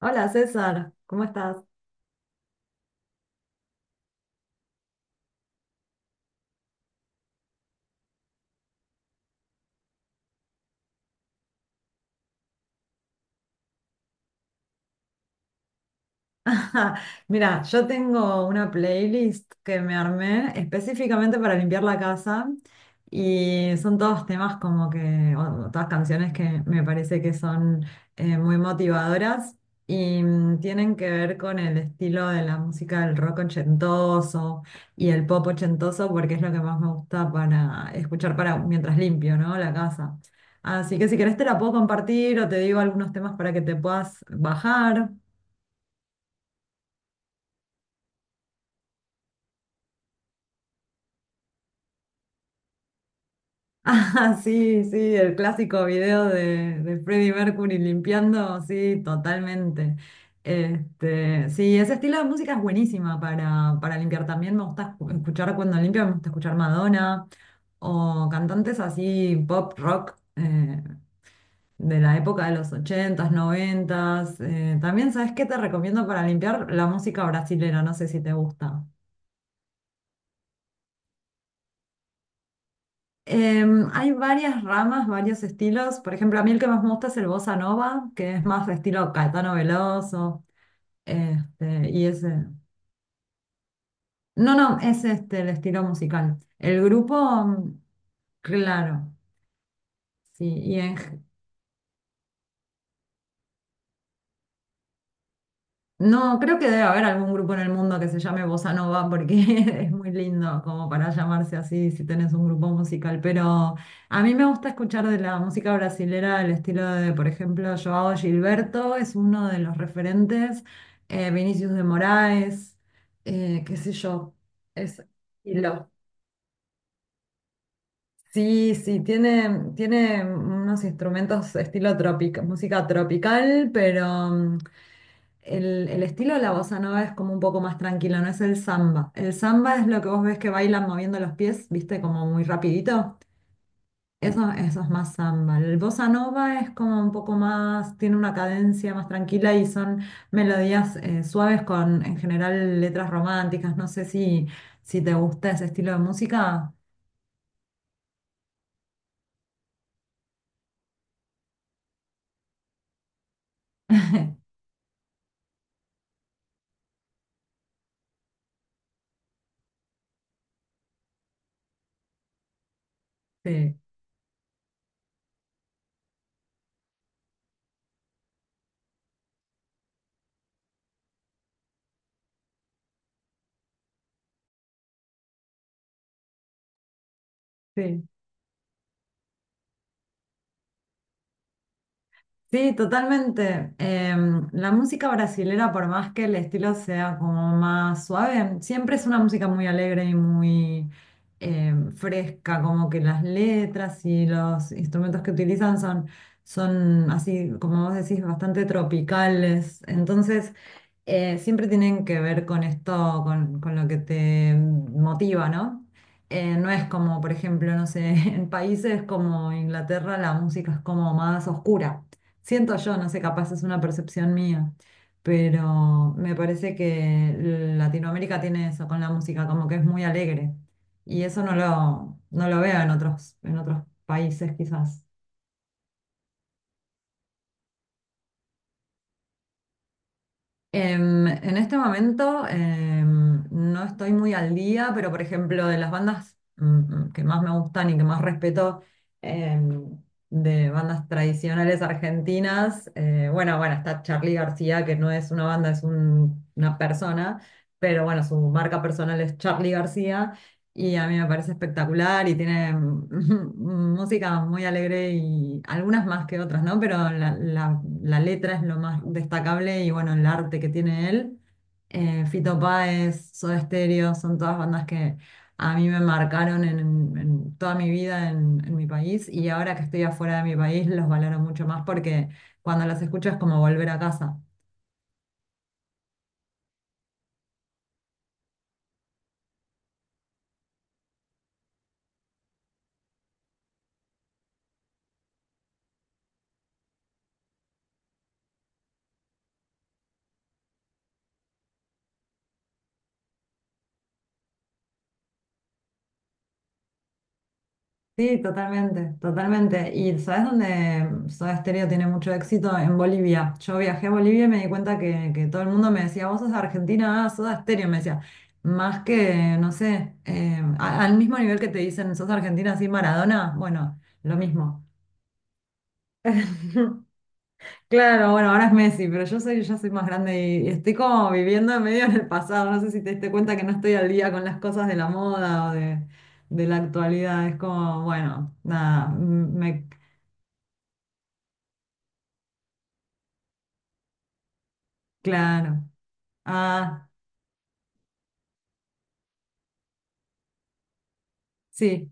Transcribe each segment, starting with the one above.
Hola César, ¿cómo estás? Ajá. Mira, yo tengo una playlist que me armé específicamente para limpiar la casa y son todos temas como que, o todas canciones que me parece que son muy motivadoras y tienen que ver con el estilo de la música del rock ochentoso y el pop ochentoso porque es lo que más me gusta para escuchar para mientras limpio, ¿no? La casa. Así que si querés te la puedo compartir o te digo algunos temas para que te puedas bajar. Ah, sí, sí, el clásico video de Freddie Mercury limpiando, sí, totalmente. Este, sí, ese estilo de música es buenísima para limpiar. También me gusta escuchar cuando limpio, me gusta escuchar Madonna o cantantes así pop rock de la época de los 80s, 90s. También, ¿sabes qué te recomiendo para limpiar? La música brasilera, no sé si te gusta. Hay varias ramas, varios estilos. Por ejemplo, a mí el que más me gusta es el bossa nova, que es más estilo Caetano Veloso. Este, y ese. No, no, es este el estilo musical. Mm, claro. Sí, y en No, creo que debe haber algún grupo en el mundo que se llame Bossa Nova porque es muy lindo como para llamarse así si tenés un grupo musical. Pero a mí me gusta escuchar de la música brasilera el estilo de, por ejemplo, Joao Gilberto es uno de los referentes, Vinicius de Moraes, qué sé yo, es estilo. Sí, sí, tiene unos instrumentos estilo música tropical, pero el estilo de la bossa nova es como un poco más tranquilo, no es el samba. El samba es lo que vos ves que bailan moviendo los pies, viste, como muy rapidito. Eso es más samba. El bossa nova es como un poco más, tiene una cadencia más tranquila y son melodías suaves con, en general, letras románticas. No sé si, si te gusta ese estilo de música. Sí, sí. Sí, totalmente. La música brasilera, por más que el estilo sea como más suave, siempre es una música muy alegre y muy fresca, como que las letras y los instrumentos que utilizan son así, como vos decís, bastante tropicales. Entonces, siempre tienen que ver con esto, con lo que te motiva, ¿no? No es como, por ejemplo, no sé, en países como Inglaterra la música es como más oscura. Siento yo, no sé, capaz es una percepción mía, pero me parece que Latinoamérica tiene eso con la música, como que es muy alegre. Y eso no lo, no lo veo en otros países quizás. En este momento no estoy muy al día, pero por ejemplo, de las bandas que más me gustan y que más respeto em, de bandas tradicionales argentinas, bueno, está Charly García, que no es una banda, es una persona, pero bueno, su marca personal es Charly García. Y a mí me parece espectacular y tiene música muy alegre y algunas más que otras, ¿no? Pero la, la letra es lo más destacable y bueno, el arte que tiene él. Fito Páez, Soda Stereo, son todas bandas que a mí me marcaron en toda mi vida en mi país y ahora que estoy afuera de mi país los valoro mucho más porque cuando los escucho es como volver a casa. Sí, totalmente, totalmente. Y ¿sabes dónde Soda Stereo tiene mucho éxito? En Bolivia. Yo viajé a Bolivia y me di cuenta que todo el mundo me decía, vos sos de Argentina, ah, Soda Stereo, me decía. Más que, no sé, al mismo nivel que te dicen, sos argentina, así Maradona, bueno, lo mismo. Claro, bueno, ahora es Messi, pero yo soy más grande y estoy como viviendo medio en el pasado. No sé si te diste cuenta que no estoy al día con las cosas de la moda o de la actualidad. Es como, bueno, nada, m- me Claro. Ah, sí,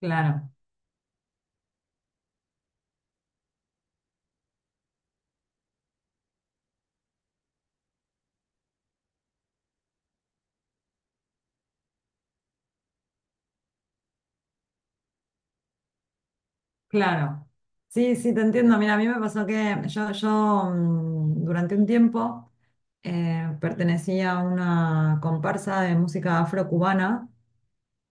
claro, claro. Sí, sí, te entiendo. Mira, a mí me pasó que yo durante un tiempo pertenecía a una comparsa de música afrocubana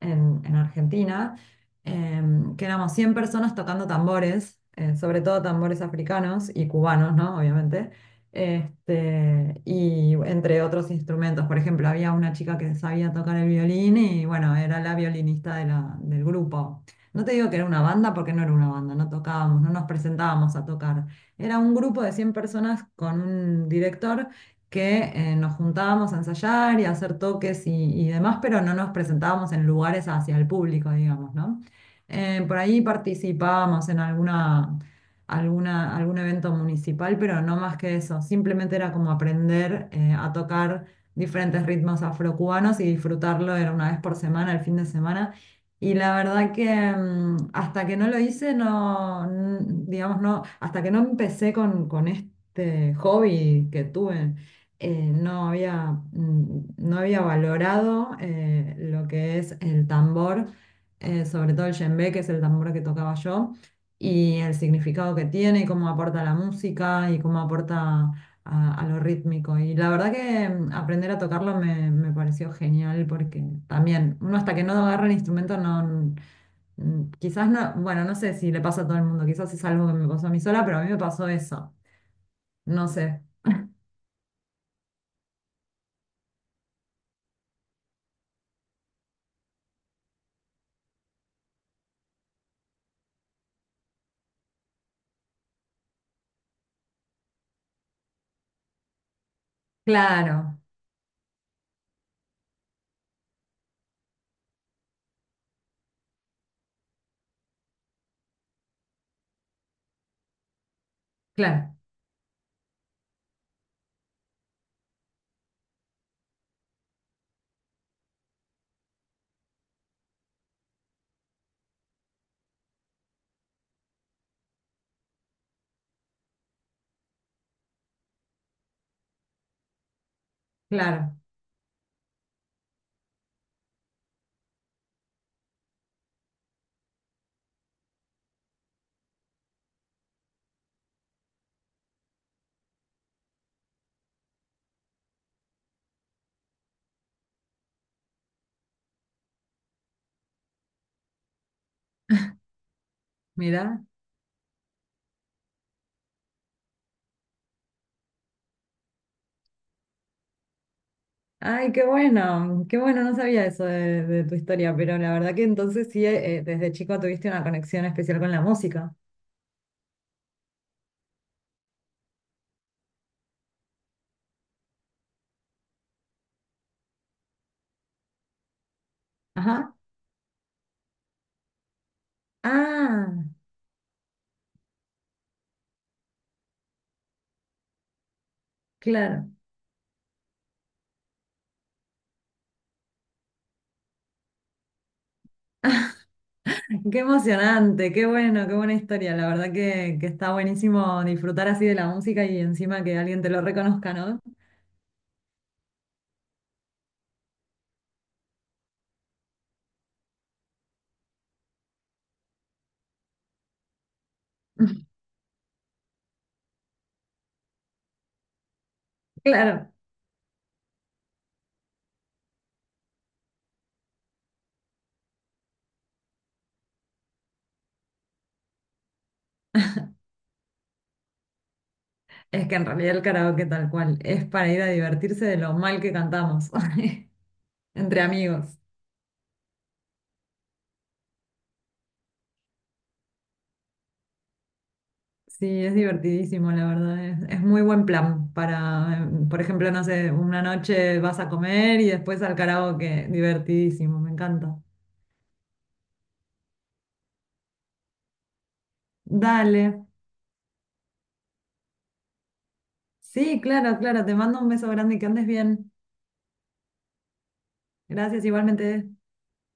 en Argentina, que éramos 100 personas tocando tambores, sobre todo tambores africanos y cubanos, ¿no? Obviamente. Este, y entre otros instrumentos, por ejemplo, había una chica que sabía tocar el violín y bueno, era la violinista de del grupo. No te digo que era una banda porque no era una banda, no tocábamos, no nos presentábamos a tocar. Era un grupo de 100 personas con un director que nos juntábamos a ensayar y a hacer toques y demás, pero no nos presentábamos en lugares hacia el público, digamos, ¿no? Por ahí participábamos en algún evento municipal, pero no más que eso. Simplemente era como aprender a tocar diferentes ritmos afrocubanos y disfrutarlo era una vez por semana, el fin de semana. Y la verdad que hasta que no lo hice, digamos, no, hasta que no empecé con este hobby que tuve no había, no había valorado lo que es el tambor, sobre todo el djembe, que es el tambor que tocaba yo, y el significado que tiene, y cómo aporta a la música y cómo aporta a lo rítmico. Y la verdad que aprender a tocarlo me, me pareció genial porque también uno hasta que no agarra el instrumento no... Quizás no, bueno, no sé si le pasa a todo el mundo, quizás es algo que me pasó a mí sola, pero a mí me pasó eso. No sé. Claro, claro, claro. Mira, ay, qué bueno, no sabía eso de tu historia, pero la verdad que entonces sí, desde chico tuviste una conexión especial con la música. Ajá. Ah, claro. Qué emocionante, qué bueno, qué buena historia. La verdad que está buenísimo disfrutar así de la música y encima que alguien te lo reconozca, ¿no? Claro. Es que en realidad el karaoke tal cual es para ir a divertirse de lo mal que cantamos entre amigos. Sí, es divertidísimo, la verdad. Es muy buen plan para, por ejemplo, no sé, una noche vas a comer y después al karaoke. Divertidísimo, me encanta. Dale. Sí, claro, claro. Te mando un beso grande y que andes bien. Gracias, igualmente.